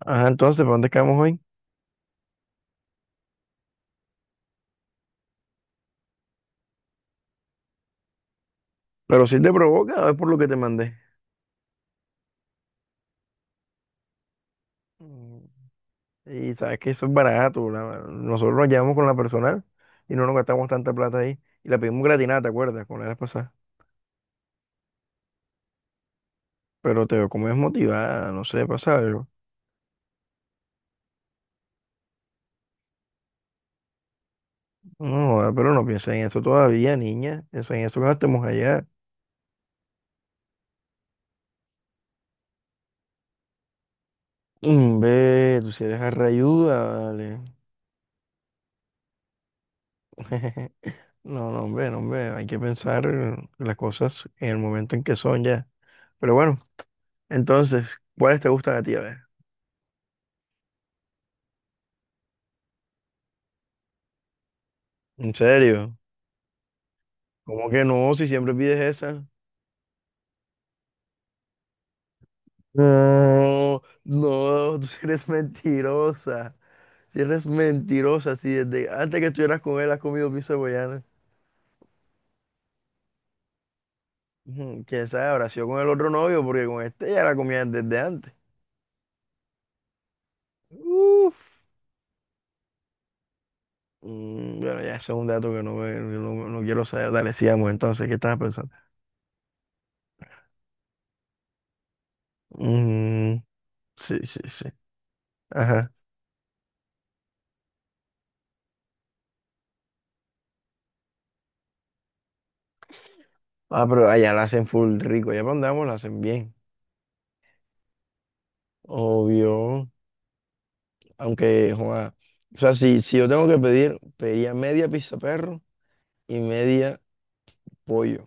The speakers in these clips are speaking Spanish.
Ajá, entonces, ¿para dónde quedamos hoy? Pero si te provoca, es por lo que te mandé. Mm, Y sabes que eso es barato. Nosotros nos llevamos con la personal y no nos gastamos tanta plata ahí. Y la pedimos gratinada, ¿te acuerdas? Con la vez pasada. Pero te veo como desmotivada, no sé, pasa algo. No, joda, pero no pienses en eso todavía, niña. Piensa en eso cuando estemos allá. Mm, ve, tú si eres arrayuda, vale. No, no, hombre, no, hombre. Hay que pensar las cosas en el momento en que son ya. Pero bueno, entonces, ¿cuáles te gustan a ti? A ver. ¿En serio? ¿Cómo que no? Si siempre pides esa. No, no, tú sí eres mentirosa. Si eres mentirosa, si desde antes que estuvieras con él has comido pizza hawaiana. Ujú, ¿quién sabe? Habrá sido con el otro novio, porque con este ya la comían desde antes. Uf. Mm, bueno, ya ese es un dato que no quiero saber. Dale, sigamos entonces. ¿Qué estabas pensando? Mm, sí, sí, sí. Ajá. Ah, pero allá la hacen full rico. Allá para donde vamos la hacen bien. Obvio. Aunque, joa, o sea, si yo tengo que pedir, pediría media pizza perro y media pollo.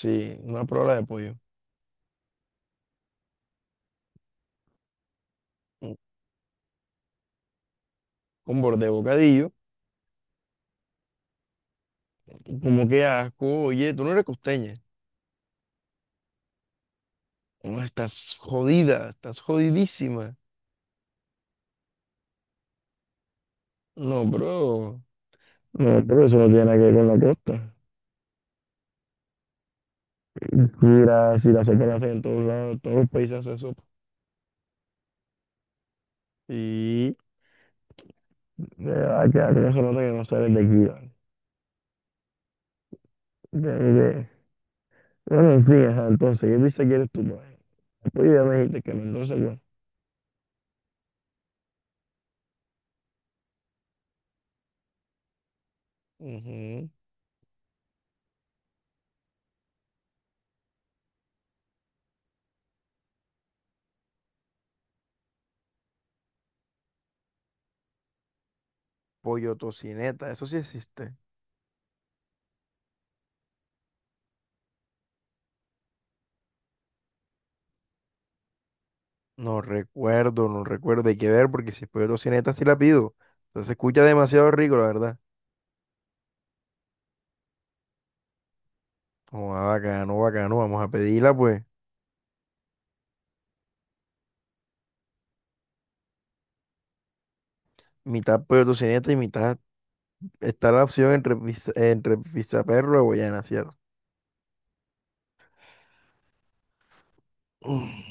Sí, una prola de pollo. un- Con borde de bocadillo. Como que asco, oye, tú no eres costeña. No, estás jodida, estás jodidísima. No, bro. No, pero eso no tiene nada que ver con la costa. Mira, si la sopa la hacen en todos lados, todos los países hacen sopa. Y de verdad que algo se nota que no sales de aquí, ¿vale? De- de- Bueno, en fin, ajá, entonces, ¿qué pizza quieres tú, bro? Oye, ya me dijiste que Mendoza, güey. Ujú. Pollo tocineta, eso sí existe. No recuerdo, no recuerdo. Hay que ver porque si es pollo tocineta sí la pido. O sea, se escucha demasiado rico, la verdad. Como ah, bacano, bacano. Vamos a pedirla, pues. Mitad pollo tocineta y mitad. Está la opción entre pizza perro o guayana, ¿cierto? Mm.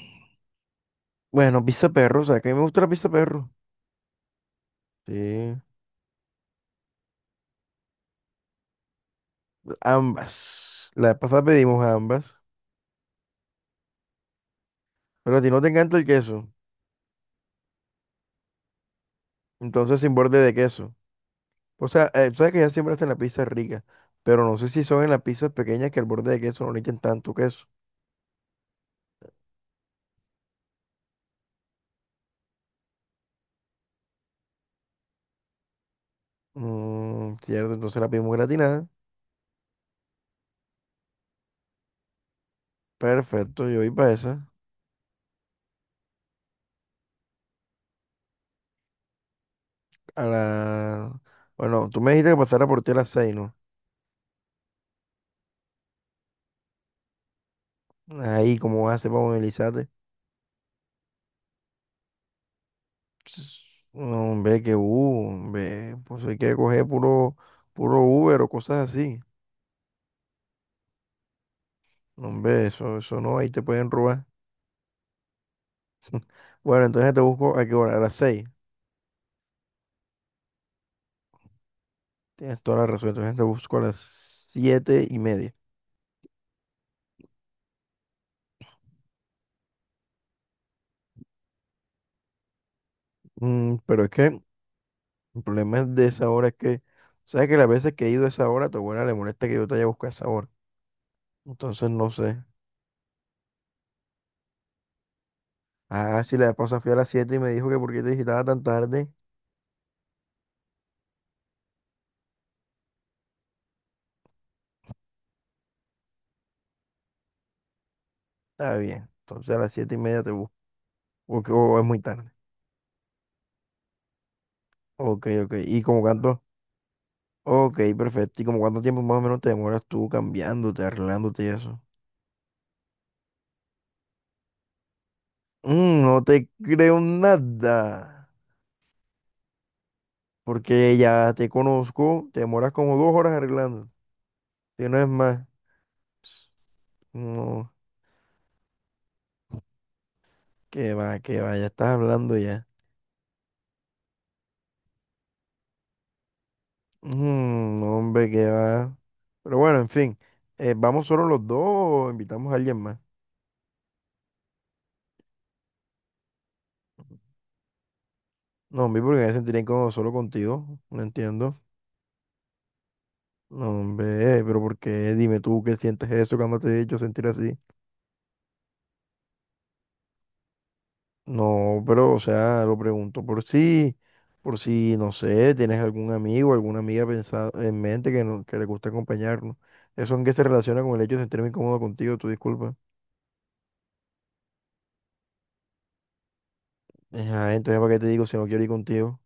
Bueno, pizza perro, o sea, que a mí me gusta la pizza perro. Sí, ambas. La vez pasada pedimos ambas. Pero a ti no te encanta el queso. Entonces sin borde de queso. O sea, sabes que ya siempre hacen la pizza rica, pero no sé si son en las pizzas pequeñas que al borde de queso no le echen tanto queso. Mm, cierto, entonces la pedimos gratinada. Perfecto, yo voy para esa. A la... Bueno, tú me dijiste que pasara por ti a las seis, ¿no? Ahí, ¿cómo vas a hacer para movilizarte? Ps, no, hombre, que hombre, pues hay que coger puro Uber o cosas así. No, hombre, eso no, ahí te pueden robar. Bueno, entonces te busco a qué hora, a las 6. Tienes toda la razón, entonces te busco a las siete y media. Mm, pero es que el problema de esa hora es que sabes que las veces que he ido a esa hora, a tu abuela le molesta que yo te haya buscado a esa hora. Entonces no sé. Ah, si la esposa fui a las siete y me dijo que por qué te visitaba tan tarde, está bien. Entonces a las 7 y media te busco. Porque o es muy tarde. Ok, ok. ¿Y como cuánto? Ok, perfecto. ¿Y como cuánto tiempo más o menos te demoras tú cambiándote, arreglándote y eso? Mm, no te creo nada. Porque ya te conozco, te demoras como dos horas arreglando. Si no es más. No. Que va, ya estás hablando ya. Mm, hombre, que va. Pero bueno, en fin, ¿vamos solo los dos o invitamos a alguien más? No, hombre, porque me sentiría incómodo solo contigo, no entiendo. No, hombre, pero ¿por qué? Dime tú qué sientes eso cuando te he hecho sentir así. No, pero, o sea, lo pregunto por si, no sé, tienes algún amigo, alguna amiga pensado en mente que, no- que le gusta acompañarnos. ¿Eso en qué se relaciona con el hecho de sentirme incómodo contigo? Tu disculpa. Ajá, entonces, ¿para qué te digo si no quiero ir contigo?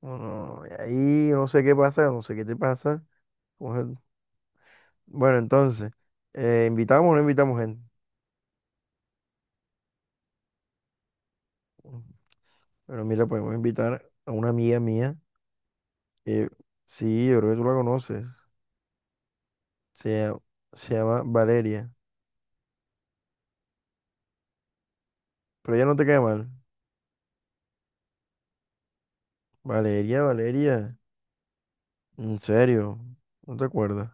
Bueno, y ahí no sé qué pasa, no sé qué te pasa. ¿Cómo es? Bueno, entonces, ¿invitamos o no invitamos gente? Pero mira, podemos invitar a una amiga mía, que sí, yo creo que tú la conoces, se, llama- se llama Valeria, pero ella no te cae mal. Valeria, Valeria, en serio, no te acuerdas.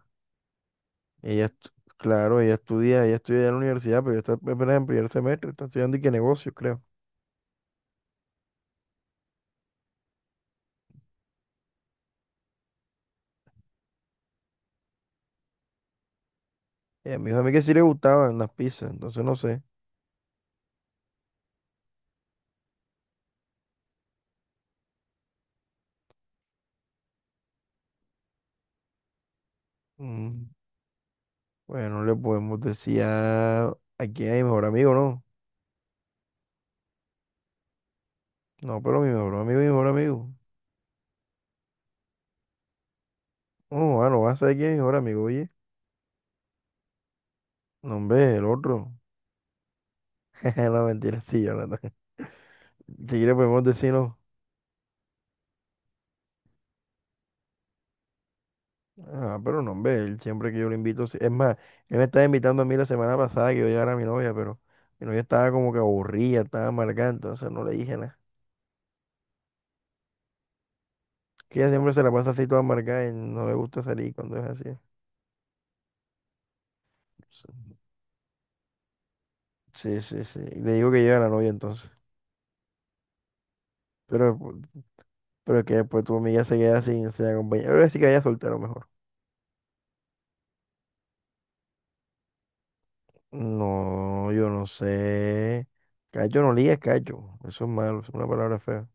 Ella, estu- claro, ella estudia ya en la universidad, pero ella está apenas en primer semestre, está estudiando y qué negocios, creo. Ella me dijo a mí que sí le gustaban las pizzas, entonces no sé. Mm. Bueno, le podemos decir a quién es mi mejor amigo, ¿no? No, pero mi mejor amigo es mi mejor amigo. No, bueno, no vas a saber quién es mi mejor amigo, oye. No, hombre, el otro. No, mentira, sí, Jonathan. Si quiere podemos decir no. Ah, pero no, hombre, él siempre que yo lo invito. Es más, él me estaba invitando a mí la semana pasada que yo llegara a mi novia, pero mi novia estaba como que aburrida, estaba amargada, entonces no le dije nada. Que ella siempre se la pasa así toda amargada y no le gusta salir cuando es así. Sí, sí, sí. Y le digo que lleve a la novia entonces. Pero Pero que después tu amiga se queda sin acompañar. Pero sí que haya soltero mejor. No, yo no sé. Cacho no liga, es cacho. Eso es malo, es una palabra fea.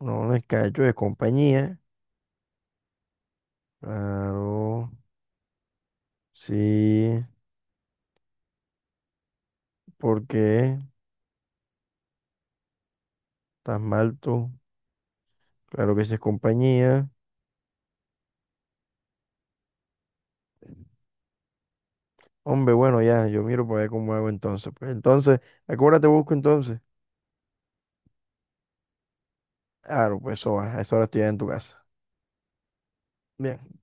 No, no es cacho, es compañía. Claro, sí. ¿Por qué? ¿Estás mal tú? Claro que sí es compañía. Hombre, bueno, ya, yo miro para ver cómo hago entonces. Pues entonces, ¿a qué hora te busco entonces? Claro, pues eso va, a esa hora estoy ya en tu casa. Bien.